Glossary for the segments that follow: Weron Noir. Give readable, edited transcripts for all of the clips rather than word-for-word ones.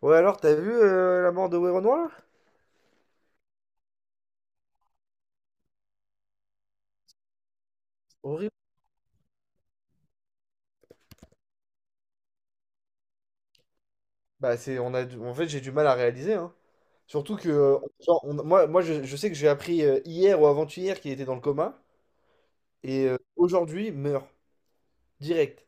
Ouais, alors, t'as vu la mort de Weron Noir? Horrible. Bah, c'est, on a, du- en fait, J'ai du mal à réaliser. Hein. Surtout que, je sais que j'ai appris hier ou avant-hier qu'il était dans le coma. Et aujourd'hui, meurt. Direct.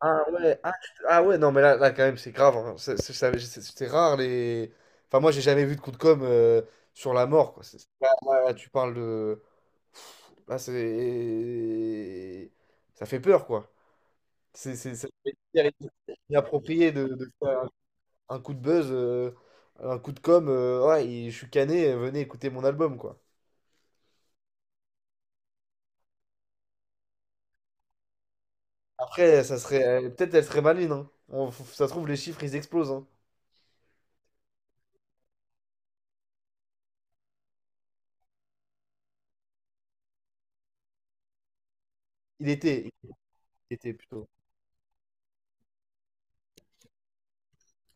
Ah ouais, ah, ah ouais, non, mais là, là quand même, c'est grave. Hein. C'est rare les. Enfin, moi, j'ai jamais vu de coup de com' sur la mort, quoi. Là, là, là, tu parles de. Là, c'est. Ça fait peur, quoi. C'est inapproprié de faire. Un coup de buzz, un coup de com, ouais, il- je suis cané, venez écouter mon album, quoi. Après, ça serait, peut-être elle serait maligne, hein. Ça se trouve, les chiffres, ils explosent, hein. Il était, il était plutôt.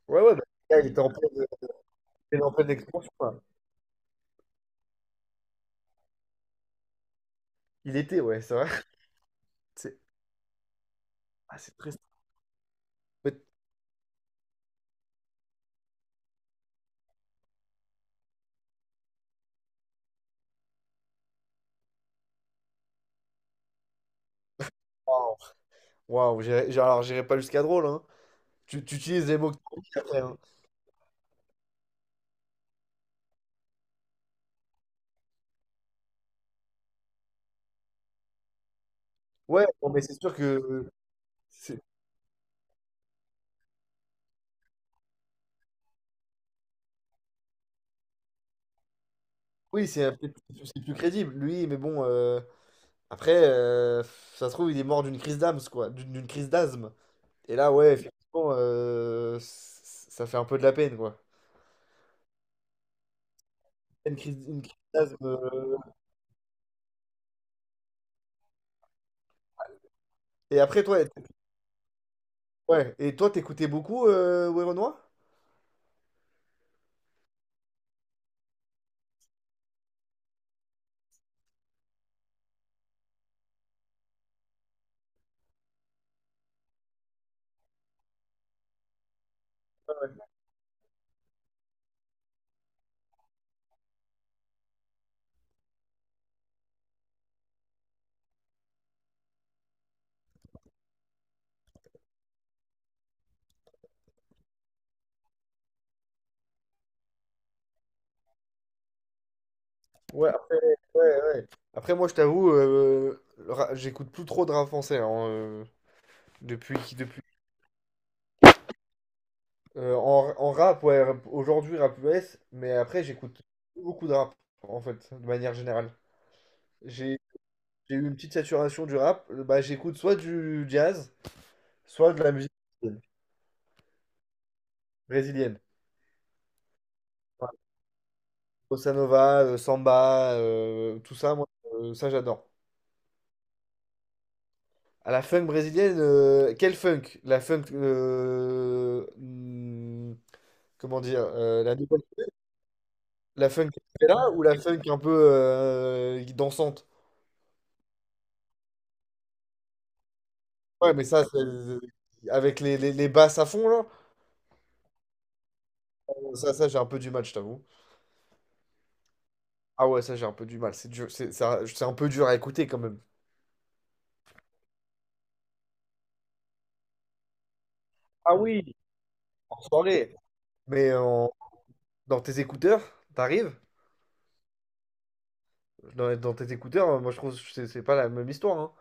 Ouais, ouais, bah, le gars, il était en pleine, il était en pleine expansion, quoi. Il était, ouais, c'est vrai. C'est c'est très... Waouh, Waouh, alors j'irai pas jusqu'à drôle, hein. Tu utilises les mots que t'as dit après, hein. Ouais, bon, mais c'est sûr que... c'est- Oui, c'est un peu- c'est plus crédible, lui, mais bon... Après, ça se trouve, il est mort d'une crise d'âme, quoi. D'une crise d'asthme. Et là, ouais, effectivement, ça fait un peu de la peine, quoi. Une crise d'asthme. Et après, toi, ouais. Et toi, t'écoutais beaucoup, Werenoi? Ouais, après, ouais, ouais. Après, moi, je t'avoue, j'écoute plus trop de rap français, hein, depuis. En rap, aujourd'hui, rap US, mais après, j'écoute plus beaucoup de rap, en fait, de manière générale. J'ai j'ai eu une petite saturation du rap, bah, j'écoute soit du jazz, soit de la musique brésilienne. Enfin, bossa nova, samba, tout ça, moi, ça j'adore. À la funk brésilienne, quel funk? La funk, la, nouvelle- la funk là ou la funk un peu dansante? Ouais, mais ça, c'est- avec les basses à fond, là, ça j'ai un peu du mal, je t'avoue. Ah ouais, ça j'ai un peu du mal, c'est dur, c'est un peu dur à écouter quand même. Ah oui, en soirée, mais en- dans tes écouteurs, t'arrives, dans tes écouteurs, moi je trouve que c'est pas la même histoire. Hein.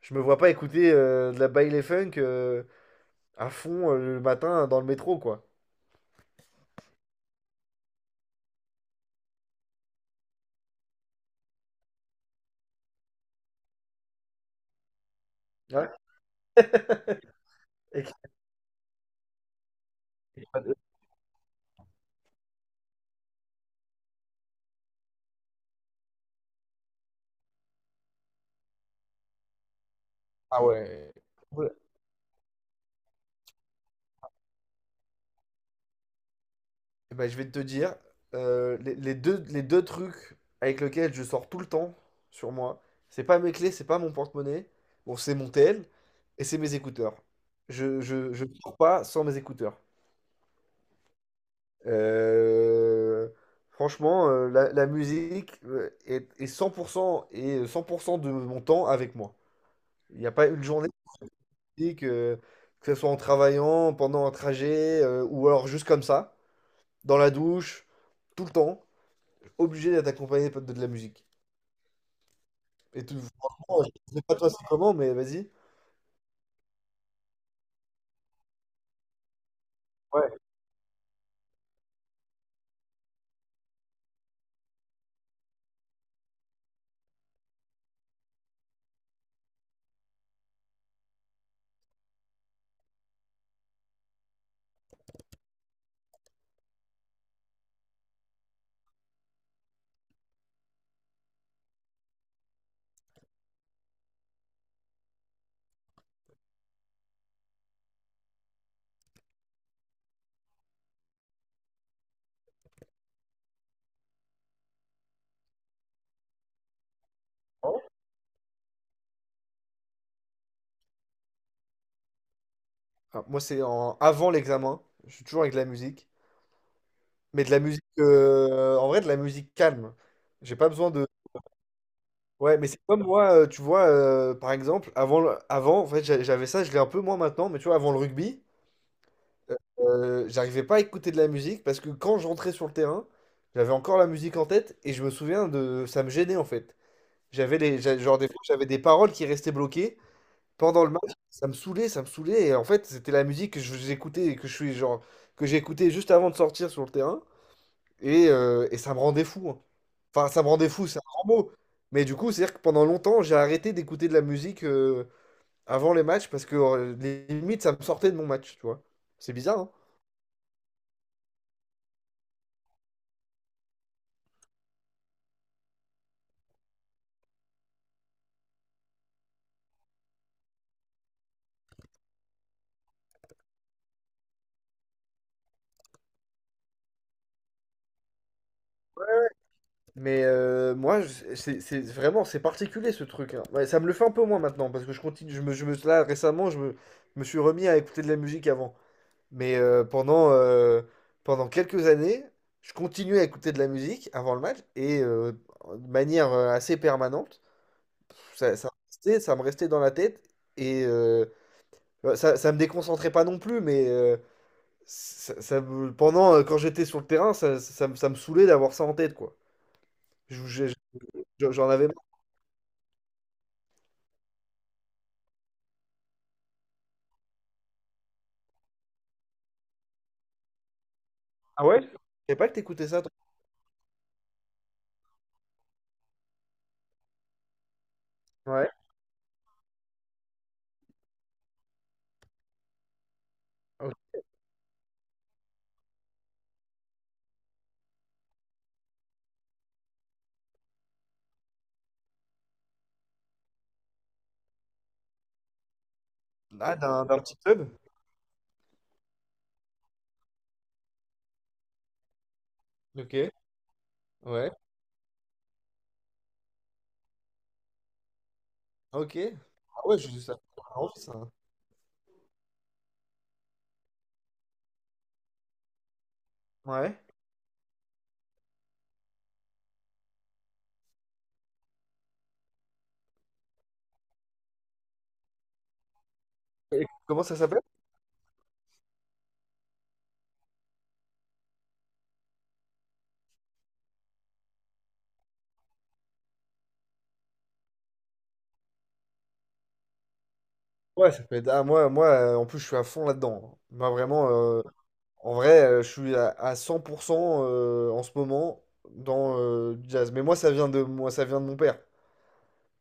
Je me vois pas écouter de la baile funk à fond le matin dans le métro, quoi. Ouais. Et- Ah ouais. Ouais. Eh ben, je vais te dire, les deux trucs avec lesquels je sors tout le temps sur moi, c'est pas mes clés, c'est pas mon porte-monnaie, bon, c'est mon tel, et c'est mes écouteurs. Je sors pas sans mes écouteurs. Euh, franchement, la musique est 100% et 100% de mon temps avec moi. Il n'y a pas une journée de musique, que ce soit en travaillant, pendant un trajet, ou alors juste comme ça, dans la douche, tout le temps, obligé d'être accompagné de la musique. Et tout, franchement, je sais pas toi c'est comment, mais vas-y. Ouais. Ah, moi, c'est en- avant l'examen. Je suis toujours avec de la musique. Mais de la musique, en vrai, de la musique calme. J'ai pas besoin de, ouais, mais c'est comme moi, tu vois, par exemple, avant, le- avant, en fait, j'avais ça, je l'ai un peu moins maintenant, mais tu vois, avant le rugby, j'arrivais pas à écouter de la musique parce que quand je rentrais sur le terrain, j'avais encore la musique en tête et je me souviens de, ça me gênait en fait. Genre des fois, j'avais des paroles qui restaient bloquées pendant le match, ça me saoulait et en fait, c'était la musique que j'écoutais et que je suis genre que j'ai écouté juste avant de sortir sur le terrain. Et ça me rendait fou. Hein. Enfin, ça me rendait fou, c'est un grand mot. Mais du coup, c'est-à-dire que pendant longtemps, j'ai arrêté d'écouter de la musique avant les matchs parce que limite, ça me sortait de mon match, tu vois. C'est bizarre, hein. C'est vraiment, c'est particulier ce truc. Hein. Ouais, ça me le fait un peu moins maintenant parce que je continue, là récemment, je me suis remis à écouter de la musique avant. Mais pendant, pendant quelques années, je continuais à écouter de la musique avant le match et de manière assez permanente. Ça me restait, ça me restait dans la tête et ça me déconcentrait pas non plus, mais ça me- pendant, quand j'étais sur le terrain, ça me saoulait d'avoir ça en tête, quoi. Je- je- J'en avais marre. Ah ouais? Je savais pas que t'écoutais ça, toi. Ouais. Ok. Ah, d'un petit club? Ok, ouais, ok. Ah ouais, je, ça fait envie, ça. Ouais. Et comment ça s'appelle? Ouais, ça peut être... Ah, moi, moi, en plus, je suis à fond là-dedans. Moi, vraiment, en vrai, je suis à 100% en ce moment dans du jazz. Mais moi, ça vient de moi, ça vient de mon père.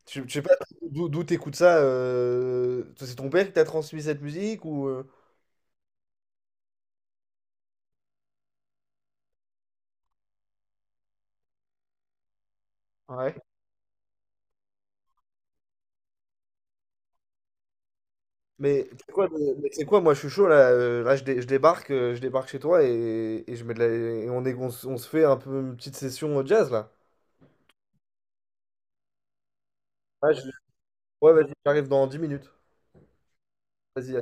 Je sais pas d'où t'écoutes ça. C'est ton père qui t'a transmis cette musique ou ouais. Mais c'est quoi, moi je suis chaud là, je débarque chez toi et je mets de la- et on est, on se fait un peu une petite session jazz là. Ah, je- ouais, vas-y, j'arrive dans 10 minutes. Vas-y,